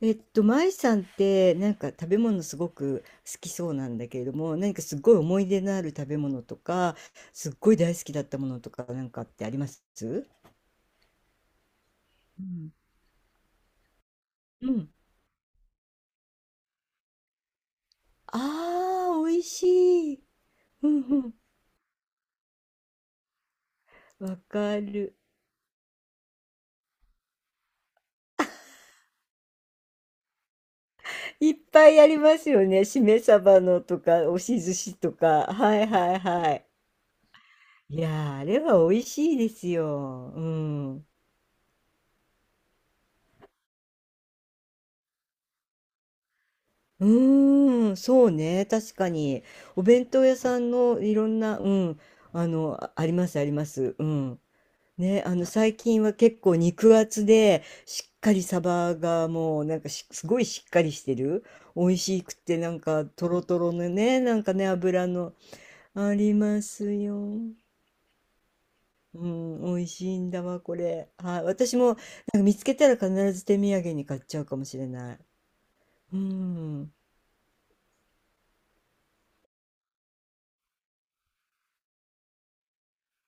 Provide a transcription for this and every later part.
舞さんってなんか食べ物すごく好きそうなんだけれども、何かすごい思い出のある食べ物とか、すっごい大好きだったものとかなんかってあります？うん、うん。ああ、美味しい。うんうん。わかる。いっぱいありますよね。しめ鯖のとか、押し寿司とか。はいはいはい。いやー、あれは美味しいですよ。うん。うーん、そうね、確かに。お弁当屋さんのいろんな、うん、あの、ああります、あります。うん。ね、あの、最近は結構肉厚で、しっかりサバがもう、なんかしすごいしっかりしてる。美味しくて、なんか、トロトロのね、なんかね、油の、ありますよ。うん、美味しいんだわ、これ。はい、私も、なんか見つけたら必ず手土産に買っちゃうかもしれない。うん、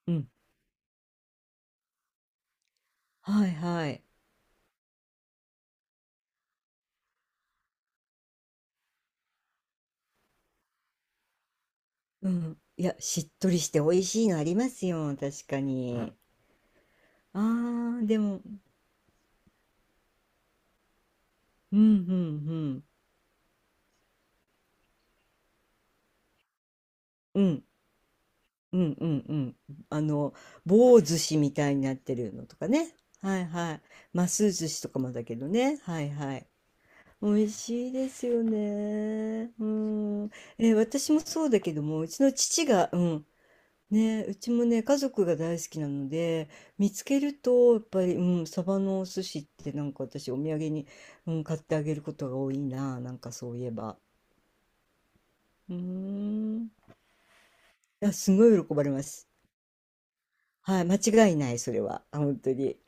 うん、はい、はい。うん。いや、しっとりして美味しいのありますよ、確かうん。に。あー、でも、うん、うん、うん。うん、うん、うん、うん。あの、棒寿司みたいになってるのとかね。はいはい。ます寿司とかもだけどね。はいはい。美味しいですよね。うん。え、私もそうだけども、うちの父が、うん、ね、うちもね、家族が大好きなので、見つけると、やっぱり、うん、サバのお寿司ってなんか私お土産に、うん、買ってあげることが多いな、なんかそういえば。うーん。いや、すごい喜ばれます。はい、間違いない、それは。あ、本当に。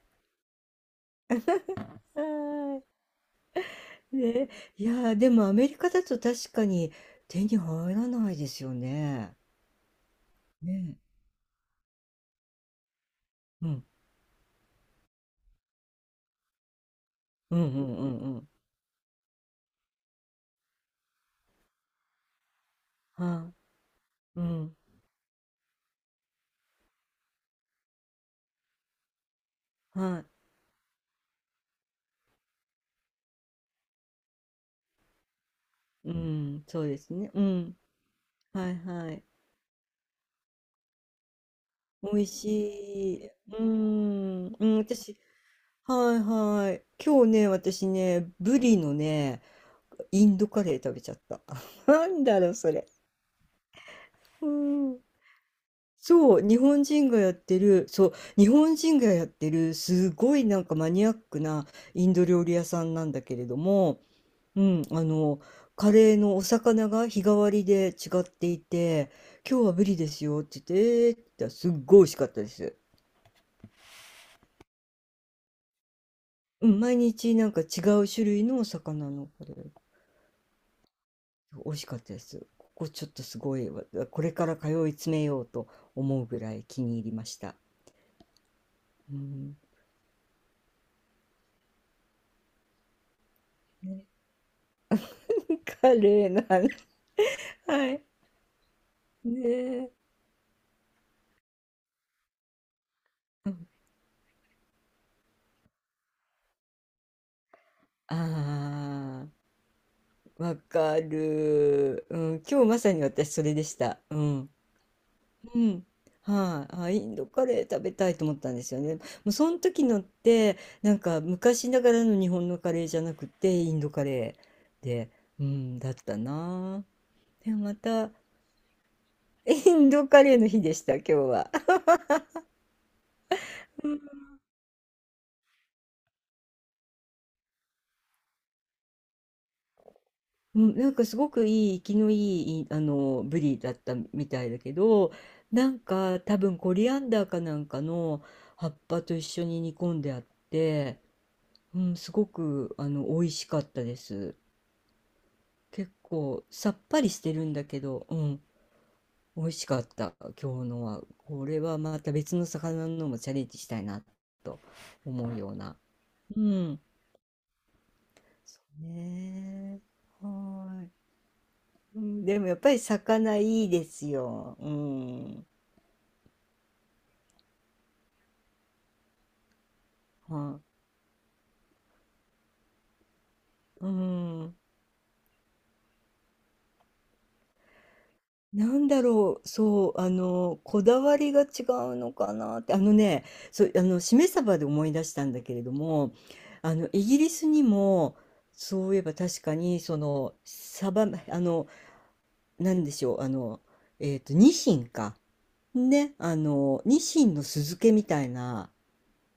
はい。ね、いやー、でもアメリカだと確かに手に入らないですよね。ね。うん。うんうんうんうん。はい。うん。はい。うん。そうですね。うん。はいはい。美味しい。うーん。うん、私、はいはい。今日ね、私ね、ブリのね、インドカレー食べちゃった。なんだろう、それ。うん。そう、日本人がやってる、そう、日本人がやってる、すごいなんかマニアックなインド料理屋さんなんだけれども、うん、あの、カレーのお魚が日替わりで違っていて、今日はブリですよって言って、えーって言ったらすっごい美味しかったです。うん、毎日なんか違う種類のお魚のこれ、美味しかったです。ここちょっとすごい、わこれから通い詰めようと思うぐらい気に入りました。うん。ね カレーの話。はい。ねえ。うん。ああ、わかる。うん、今日まさに私それでした。うん。うん。はい。あ、インドカレー食べたいと思ったんですよね。もうその時のって、なんか昔ながらの日本のカレーじゃなくて、インドカレーで、うん、だったな。で、また、インドカレーの日でした、今日は。うん、なんかすごくいい、生きのいい、いあの、ブリだったみたいだけど、なんか多分コリアンダーかなんかの葉っぱと一緒に煮込んであって、うん、すごく、あの、美味しかったです。結構さっぱりしてるんだけど、うん、美味しかった、今日のは。これはまた別の魚のもチャレンジしたいなと思うような。うん、そうね。はーい。うん、でもやっぱり魚いいですよ。うん。はうん。なんだろう、そう、あの、こだわりが違うのかなって、あのね、そう、あの、しめ鯖で思い出したんだけれども、あの、イギリスにも、そういえば確かに、その、鯖、あの、なんでしょう、あの、ニシンか。ね、あの、ニシンの酢漬けみたいな、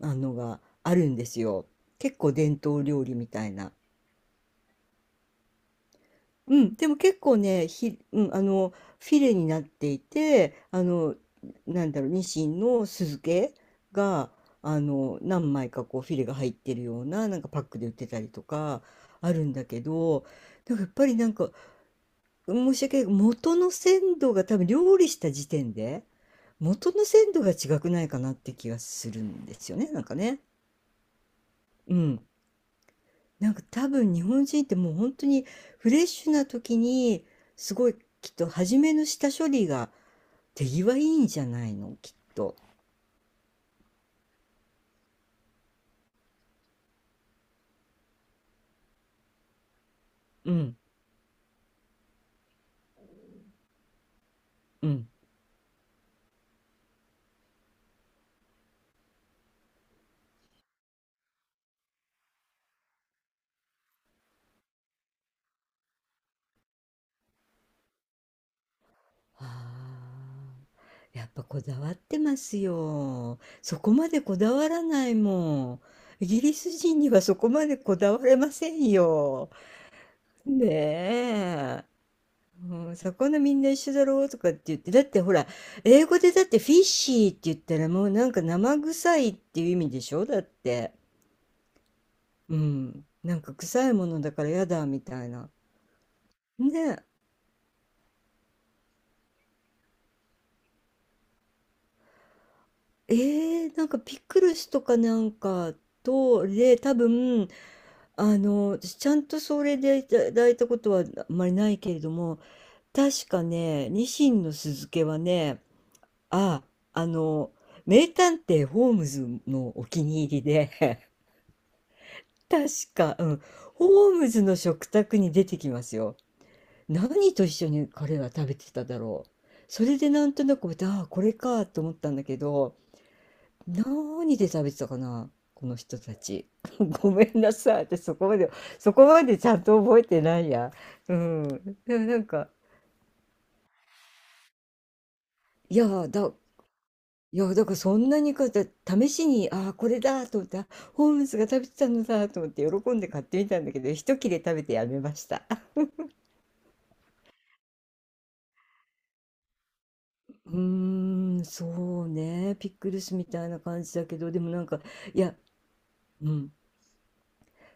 あのがあるんですよ。結構伝統料理みたいな。うん、でも結構ね、ひ、うん、あの、フィレになっていて、あの、なんだろう、ニシンの酢漬けが、あの、何枚かこう、フィレが入ってるような、なんかパックで売ってたりとか、あるんだけど、なんかやっぱりなんか、申し訳ない、元の鮮度が多分料理した時点で、元の鮮度が違くないかなって気がするんですよね、なんかね。うん。なんか多分日本人ってもう本当にフレッシュな時にすごいきっと初めの下処理が手際いいんじゃないのきっと。うんうん、あーやっぱこだわってますよ。そこまでこだわらないもん。イギリス人にはそこまでこだわれませんよ。ねえ。うん、魚みんな一緒だろうとかって言って、だってほら、英語でだってフィッシーって言ったらもうなんか生臭いっていう意味でしょだって。うん。なんか臭いものだからやだみたいな。ねえ。えー、なんかピクルスとかなんかと、で、多分、あの、私ちゃんとそれでいただいたことはあんまりないけれども、確かね、ニシンの酢漬けはね、あ、あの、名探偵ホームズのお気に入りで確か、うん。ホームズの食卓に出てきますよ。何と一緒に彼は食べてただろう。それでなんとなく、ああ、これかと思ったんだけど、何で食べてたかな、この人たち。ごめんなさい。私そこまで、ちゃんと覚えてないや。うん。でもなんか、いやー、だ、いやー、だからそんなにか、だ試しに、ああ、これだと思って、あホームズが食べてたのだと思って喜んで買ってみたんだけど、一切れ食べてやめました。うーん、そうね、ピックルスみたいな感じだけど、でもなんか、いや、うん、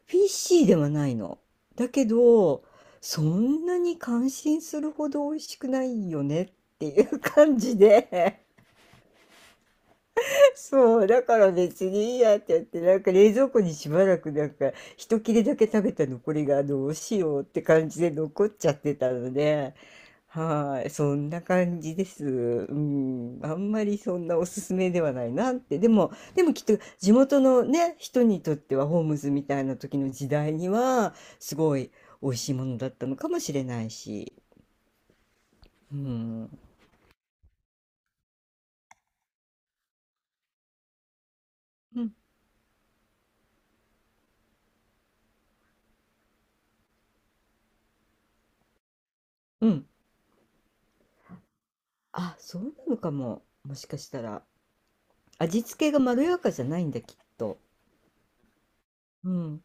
フィッシーではないの。だけど、そんなに感心するほど美味しくないよねっていう感じで、そう、だから別にいいやってやって、なんか冷蔵庫にしばらくなんか、一切れだけ食べた残りがどうしようって感じで残っちゃってたので、はい、そんな感じです。うん、あんまりそんなおすすめではないなって。でもきっと地元のね、人にとってはホームズみたいな時の時代には、すごい美味しいものだったのかもしれないし。うん。うん。うん。あ、そうなのかも。もしかしたら。味付けがまろやかじゃないんだ、きっと。うん。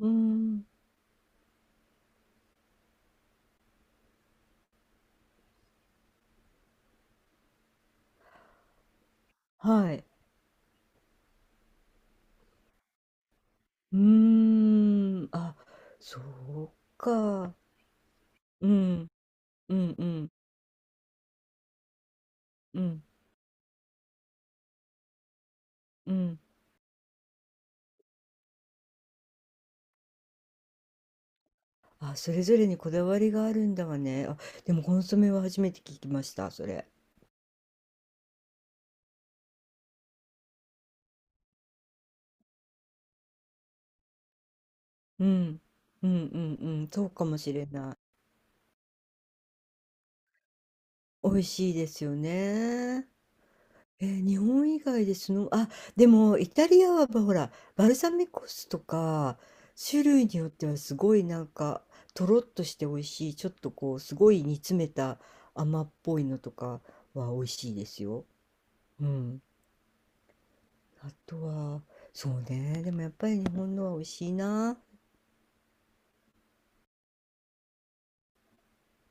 うん。はい。うーん。あ、そうか。うん。うんうん。うん。うん。あ、それぞれにこだわりがあるんだわね。あ、でもコンソメは初めて聞きました、それ。うん。うんうんうん。そうかもしれない。美味しいですよね。日本以外でその、あ、でもイタリアはほら、バルサミコ酢とか、種類によってはすごいなんか、とろっとして美味しい、ちょっとこう、すごい煮詰めた甘っぽいのとかは美味しいですよ。うん。あとは、そうね、でもやっぱり日本のは美味しいな。